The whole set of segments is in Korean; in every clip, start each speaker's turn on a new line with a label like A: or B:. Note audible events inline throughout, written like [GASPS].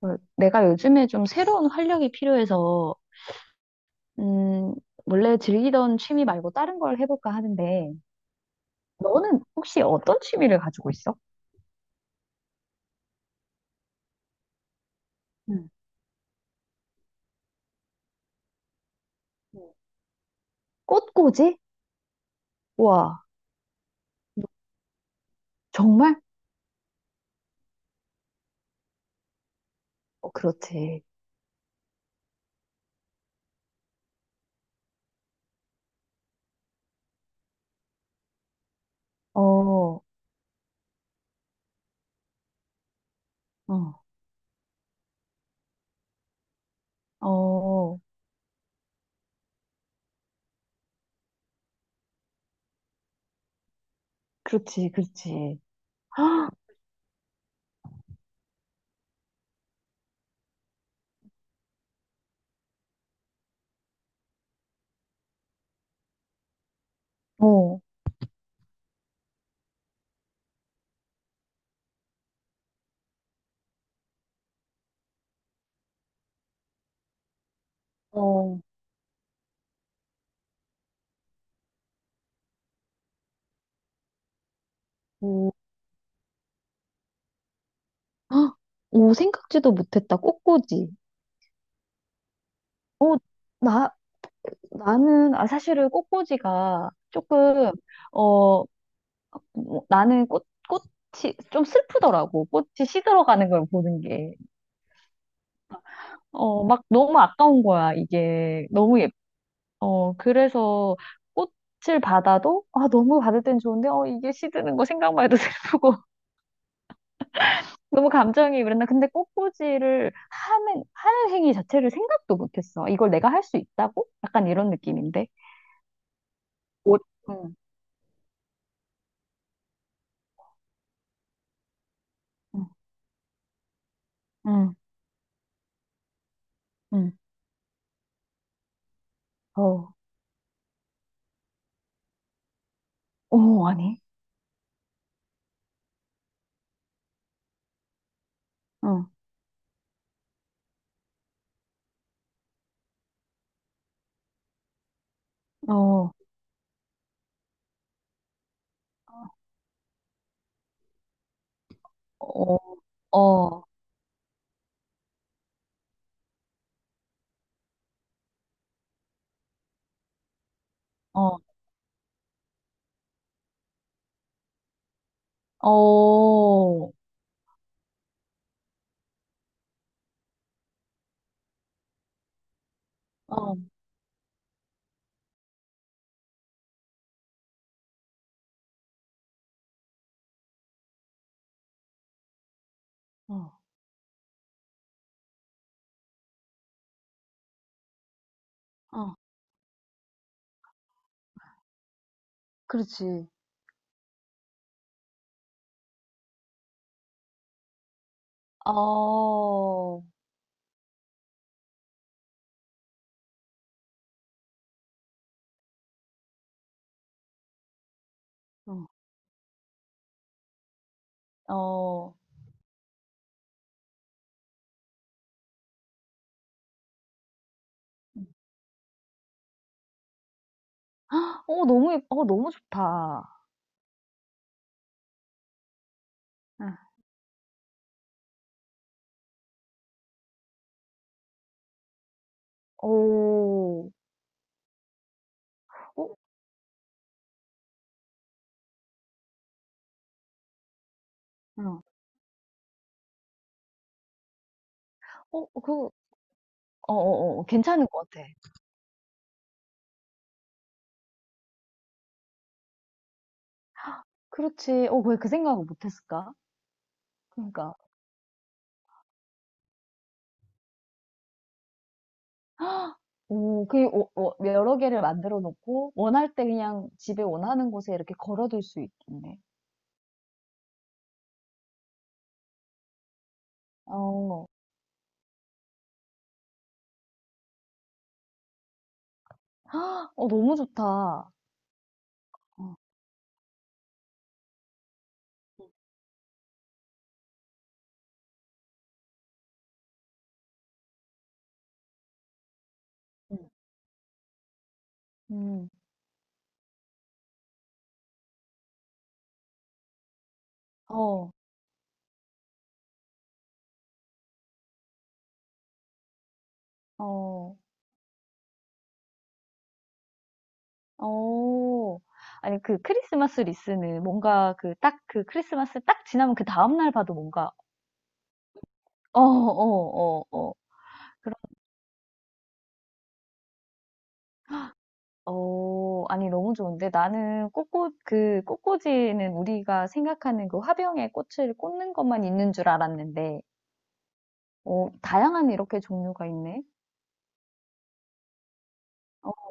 A: 어, 내가 요즘에 좀 새로운 활력이 필요해서, 음, 원래 즐기던 취미 말고 다른 걸 해볼까 하는데, 너는 혹시 어떤 취미를 가지고 있어? 응. 꽃꽂이? 와, 정말? 어, 그렇지. 어, 어, 어, 그렇지, 그렇지. [GASPS] 헉, 어, 어, [GASPS] 음, 헉, 오, 생각지도 못했다. 꽃꽂이. 어, 나, 나는, 아, 사실은 꽃꽂이가 조금, 어, 뭐, 나는 꽃이 좀 슬프더라고. 꽃이 시들어가는 걸 보는 게. 어, 막 너무 아까운 거야, 이게. 너무 예, 어, 그래서 꽃을 받아도, 아, 너무 받을 땐 좋은데, 어, 이게 시드는 거 생각만 해도 [LAUGHS] 슬프고. 너무 감정이 그랬나. 근데 하는 행위 자체를 생각도 못했어. 이걸 내가 할 수 있다고? 약간 이런 느낌인데. 옷, 응, 응, 응, 응. 어, 아니. 응, 어, 어, 어, 어. 어, 어, 어, 어, 그렇지. 어, 어, 어, 어, 너무, 예- 어, 너무 좋다. 응, 오, 어, 응. 어, 그, 어, 괜찮은 것 같아. 그렇지. 어, 왜 그 생각을 못 했을까? 그러니까. 오, 어, 여러 개를 만들어 놓고, 원할 때 그냥 집에 원하는 곳에 이렇게 걸어둘 수 있겠네. 어, 헉, 어, 너무 좋다. 어. 음, 음, 어, 어. 어. 아니, 그 크리스마스 리스는 뭔가 그 딱 그 크리스마스 딱 지나면 그다음 날 봐도 뭔가 어. 그런 어 아니 너무 좋은데 나는 꽃꽂 그 꽃꽂이는 우리가 생각하는 그 화병에 꽃을 꽂는 것만 있는 줄 알았는데 어 다양한 이렇게 종류가 있네. 어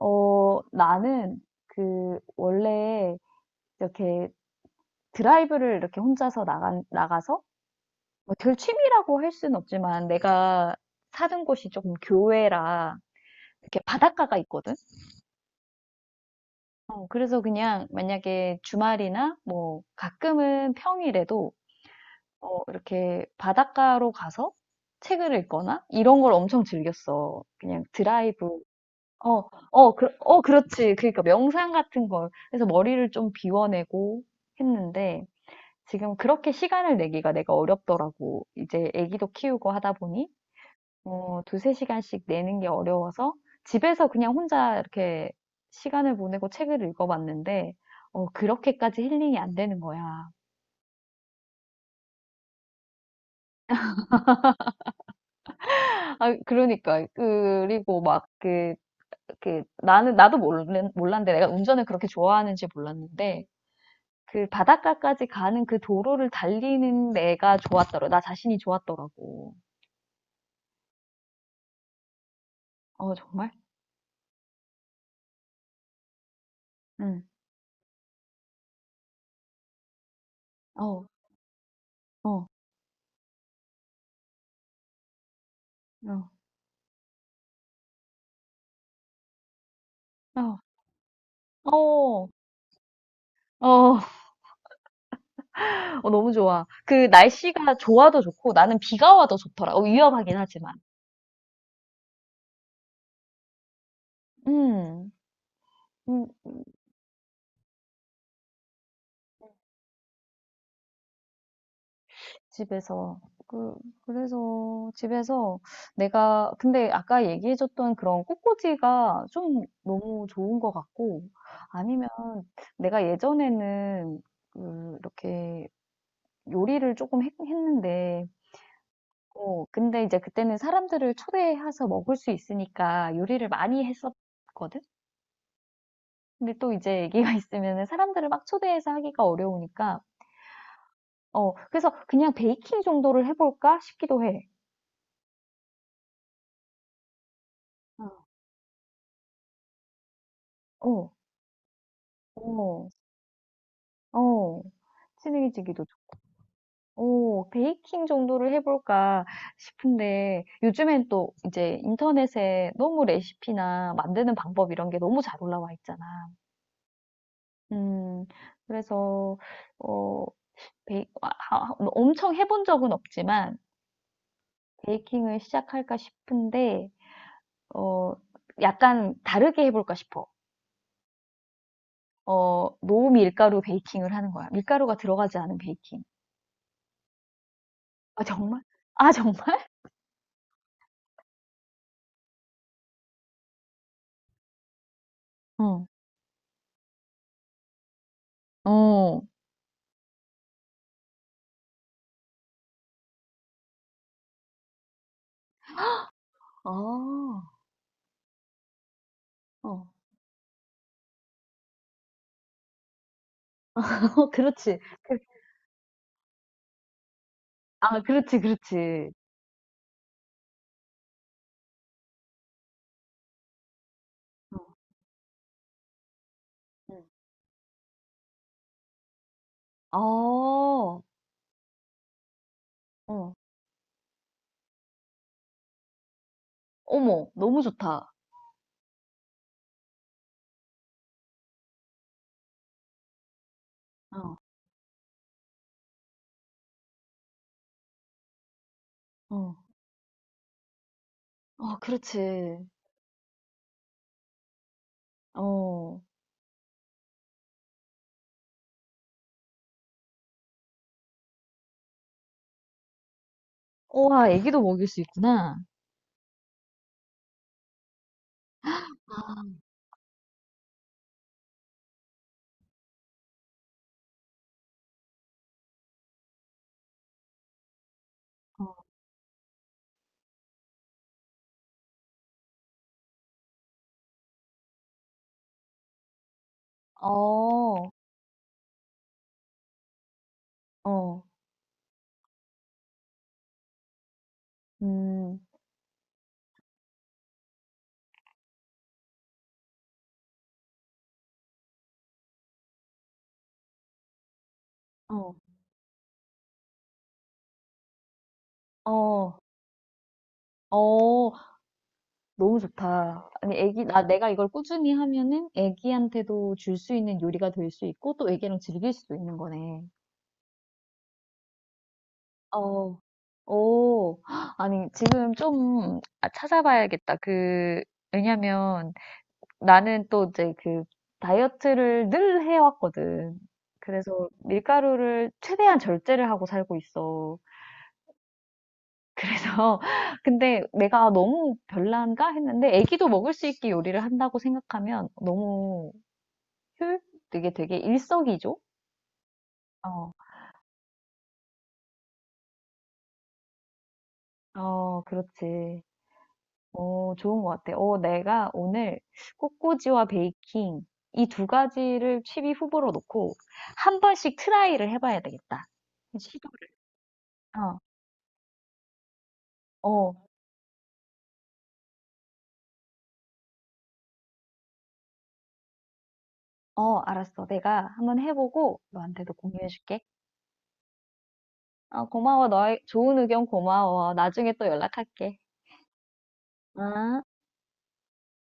A: 어 나는 원래 이렇게 드라이브를 이렇게 혼자서 나간 나가서 뭐 들취미라고 할 수는 없지만 내가 사는 곳이 조금 교외라 이렇게 바닷가가 있거든. 어, 그래서 그냥 만약에 주말이나 뭐 가끔은 평일에도 어, 이렇게 바닷가로 가서 책을 읽거나 이런 걸 엄청 즐겼어. 그냥 드라이브. 어, 어, 그렇지. 그러니까 명상 같은 걸. 그래서 머리를 좀 비워내고 했는데 지금 그렇게 시간을 내기가 내가 어렵더라고. 이제 애기도 키우고 하다 보니. 어, 두세 시간씩 내는 게 어려워서 집에서 그냥 혼자 이렇게 시간을 보내고 책을 읽어봤는데, 어, 그렇게까지 힐링이 안 되는 거야. 아, 그러니까. 그리고 막 나는, 몰랐는데 내가 운전을 그렇게 좋아하는지 몰랐는데, 그 바닷가까지 가는 그 도로를 달리는 내가 좋았더라. 고 나 자신이 좋았더라고. 어, 정말? 응. 어, 어, 어, 어, 어, 어. 어, 너무 좋아. 그 날씨가 좋아도 좋고 나는 비가 와도 좋더라. 어, 위험하긴 하지만. 음, 음, 집에서. 그, 그래서 집에서 내가, 근데 아까 얘기해줬던 그런 꽃꽂이가 좀 너무 좋은 것 같고, 아니면 내가 예전에는 그, 이렇게 요리를 조금 했, 는데 어, 근데 이제 그때는 사람들을 초대해서 먹을 수 있으니까 요리를 많이 했었거든? 근데 또 이제 애기가 있으면 [LAUGHS] 사람들을 막 초대해서 하기가 어려우니까, 어, 그래서 그냥 베이킹 정도를 해볼까 싶기도 해. 어. 어, 어, 어, 친해지기도 좋고, 어, 베이킹 정도를 해볼까 싶은데, 요즘엔 또 이제 인터넷에 너무 레시피나 만드는 방법 이런 게 너무 잘 올라와 있잖아. 음, 그래서, 어, 베이, 아, 아, 엄청 해본 적은 없지만, 베이킹을 시작할까 싶은데, 어, 약간 다르게 해볼까 싶어. 어, 노밀가루 베이킹을 하는 거야. 밀가루가 들어가지 않은 베이킹. 아, 정말? 아, 정말? 어. 어. 아 어. [LAUGHS] 어, 그렇지. 그- 아, 그렇지, 그렇지. 어, 응. 어. 어. 어머, 너무 좋다. 어. 어. 어, 그렇지. 어, 우와, 애기도 먹일 수 있구나. 아, 어, 어, 어, 음, 어. 어, 어. 너무 좋다. 아니, 애기, 나, 내가 이걸 꾸준히 하면은 애기한테도 줄 수 있는 요리가 될 수 있고 또 애기랑 즐길 수도 있는 거네. 어, 오, [GASPS] 아니, 지금 좀 아, 찾아봐야겠다. 그, 왜냐면 나는 또 이제 그 다이어트를 늘 해왔거든. 그래서 밀가루를 최대한 절제를 하고 살고 있어. 그래서, [LAUGHS] 근데 내가 너무 별난가 했는데 애기도 먹을 수 있게 요리를 한다고 생각하면 너무 효율 게 되게 일석이조? 어, 어, 그렇지. 어, 좋은 것 같아. 어, 내가 오늘 꽃꽂이와 베이킹 이 두 가지를 취0위 후보로 놓고 한 번씩 트라이를 해봐야 되겠다. 시도를. 어, 어, 어, 알았어. 내가 한번 해보고 너한테도 공유해줄게. 어, 고마워. 너의 좋은 의견 고마워. 나중에 또 연락할게. 아.